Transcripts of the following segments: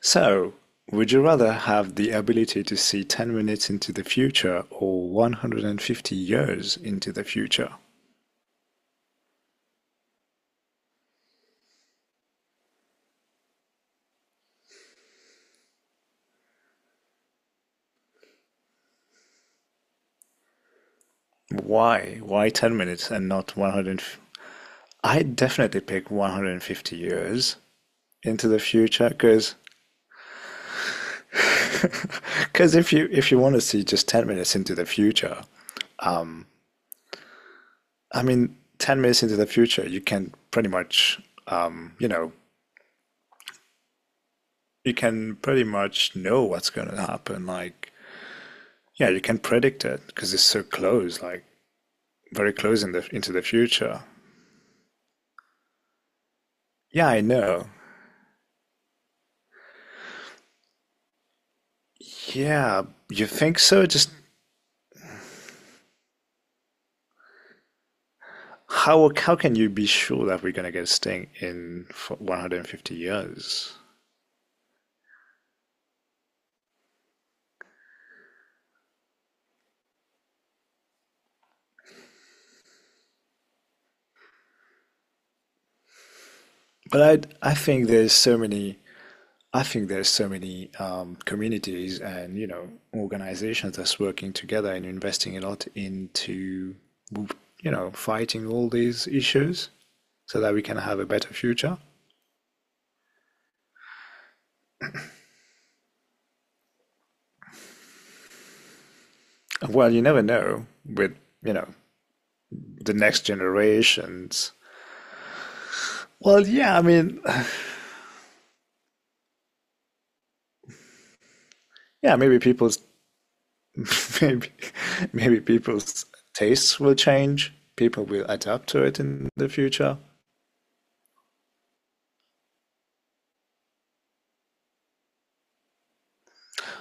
So, would you rather have the ability to see 10 minutes into the future or 150 years into the future? Why? Why 10 minutes and not 100? I definitely pick 150 years into the future because if you want to see just 10 minutes into the future, I mean 10 minutes into the future, you can pretty much um, you know, you can pretty much know what's going to happen, like. Yeah, you can predict it because it's so close, like very close in the into the future. Yeah, I know. Yeah, you think so? Just how can you be sure that we're gonna get this thing in for 150 years? But I think there's so many, I think there's so many communities and you know organizations that's working together and investing a lot into you know fighting all these issues so that we can have a better future. Well, you never know with you know the next generations. Well, yeah, I mean, yeah, maybe people's maybe maybe people's tastes will change. People will adapt to it in the future.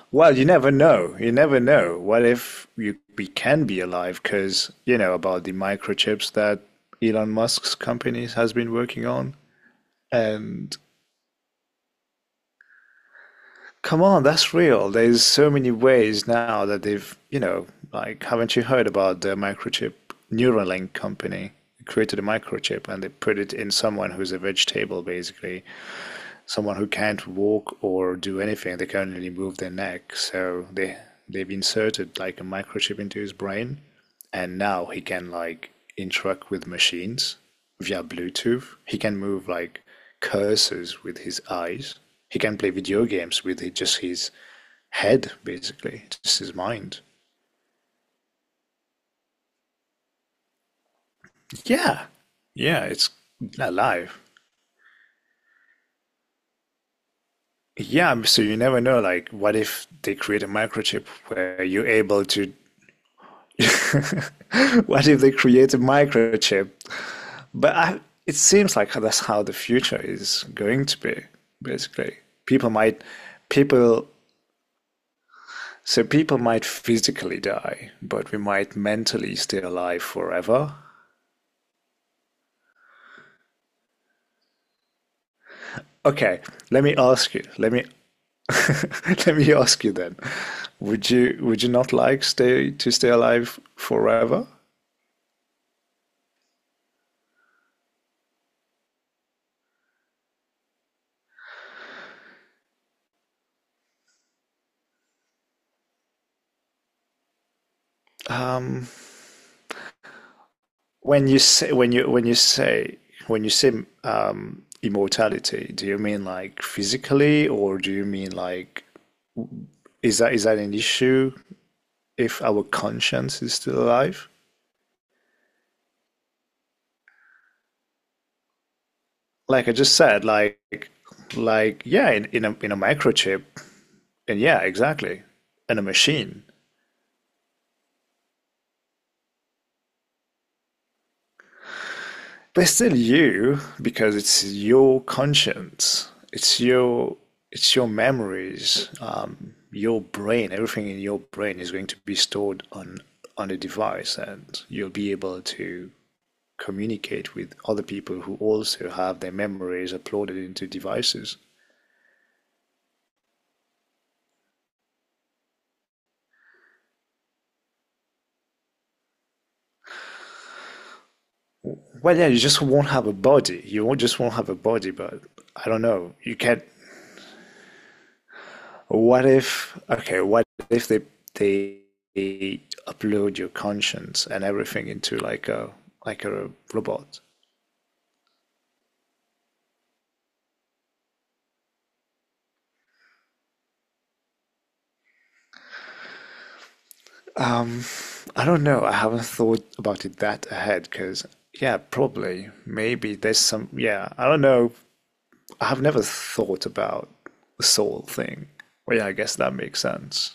Well, you never know. You never know. What if you, we can be alive? Because you know about the microchips that Elon Musk's company has been working on, and come on, that's real. There's so many ways now that they've, you know, like, haven't you heard about the microchip Neuralink company? Created a microchip and they put it in someone who's a vegetable, basically, someone who can't walk or do anything. They can only move their neck. So they they've inserted like a microchip into his brain, and now he can like interact with machines via Bluetooth. He can move like cursors with his eyes. He can play video games with just his head, basically, just his mind. Yeah, yeah, it's alive. Yeah, so you never know. Like, what if they create a microchip where you're able to what if they create a microchip? But I, it seems like that's how the future is going to be, basically. People might, people, so people might physically die, but we might mentally stay alive forever. Okay, let me ask you. Let me let me ask you then. Would you not like stay to stay alive forever? Um, When you say when you say immortality, do you mean like physically, or do you mean like is that an issue if our conscience is still alive? Like I just said, like yeah, in a microchip, and yeah, exactly, in a machine. But it's still you because it's your conscience, it's your, it's your memories, your brain, everything in your brain is going to be stored on a device, and you'll be able to communicate with other people who also have their memories uploaded into devices. Well yeah, you just won't have a body, you won't just won't have a body, but I don't know, you can not. What if, okay, what if they they, upload your conscience and everything into like a robot? Um, I don't know. I haven't thought about it that ahead because yeah, probably maybe there's some yeah, I don't know. I have never thought about the soul thing. Well, yeah, I guess that makes sense.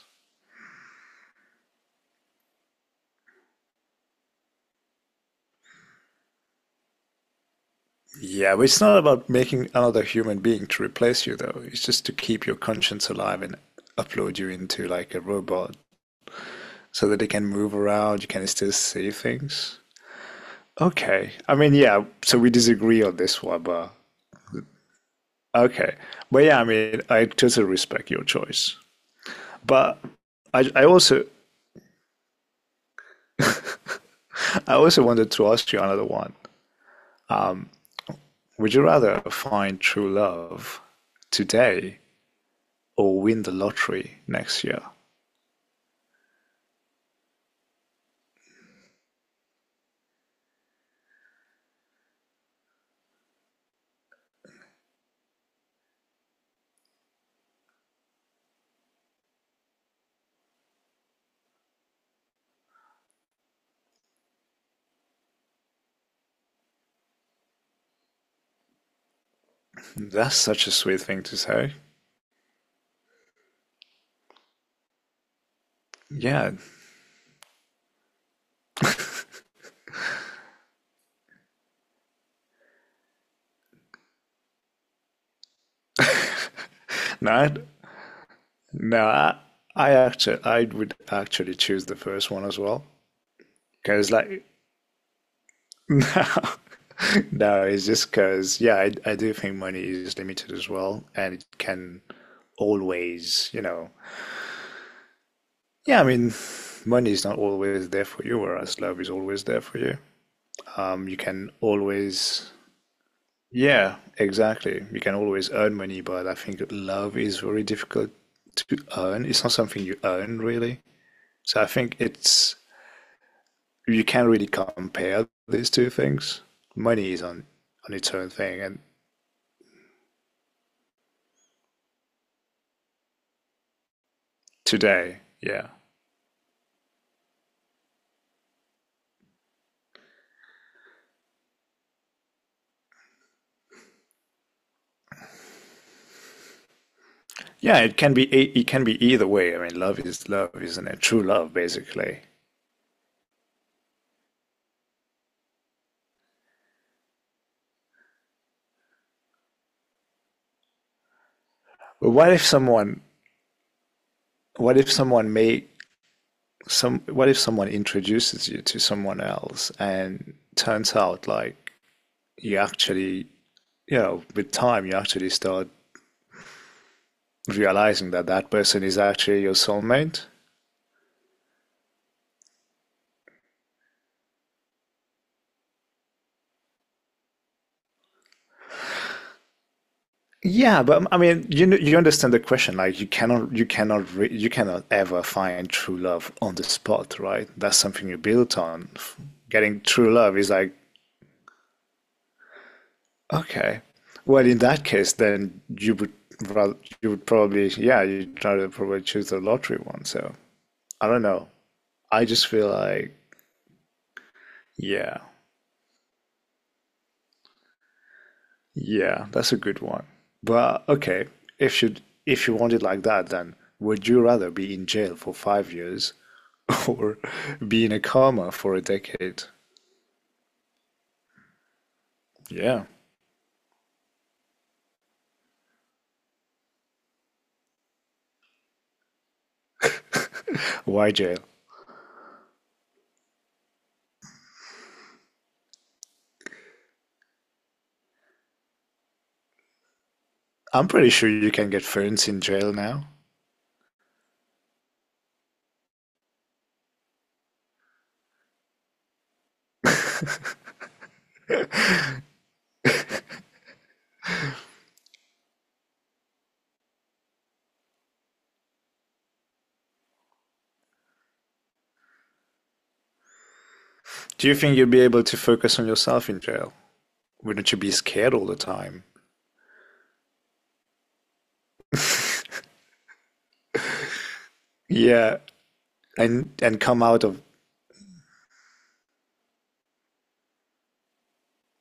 Yeah, but it's not about making another human being to replace you though. It's just to keep your conscience alive and upload you into like a robot so that they can move around, you can still see things. Okay. I mean, yeah, so we disagree on this one, but okay. But yeah, I mean, I totally respect your choice. But I, I also I also wanted to ask you another one. Would you rather find true love today or win the lottery next year? That's such a sweet thing to say. Yeah. No, I- no, I would actually choose the first one as well, because like no, no, it's just because, yeah, I do think money is limited as well, and it can always, you know, yeah, I mean, money is not always there for you, whereas love is always there for you. You can always, yeah, exactly. You can always earn money, but I think love is very difficult to earn. It's not something you earn, really. So I think it's, you can't really compare these two things. Money is on its own thing, and today. Yeah. Yeah, it can be e, it can be either way. I mean, love is love, isn't it? True love, basically. But what if someone? What if someone may some? What if someone introduces you to someone else, and turns out like you actually, you know, with time you actually start realizing that that person is actually your soulmate. Yeah, but I mean, you kn- you understand the question. Like, you cannot ever find true love on the spot, right? That's something you built on. Getting true love is like, okay, well, in that case, then you would rather, you would probably yeah, you try to probably choose the lottery one. So I don't know. I just feel like yeah. Yeah, that's a good one. But okay, if you if you want it like that, then would you rather be in jail for 5 years or be in a coma for a decade? Yeah. Why jail? I'm pretty sure you can get phones in jail now. Do you think you'll be able to focus on yourself in jail? Wouldn't you be scared all the time? Yeah, and come out of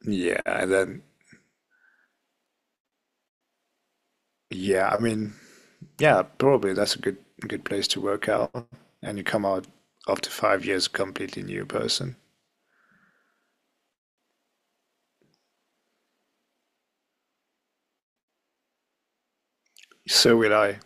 yeah, and then yeah, I mean, yeah, probably that's a good good place to work out. And you come out after 5 years a completely new person. So will I.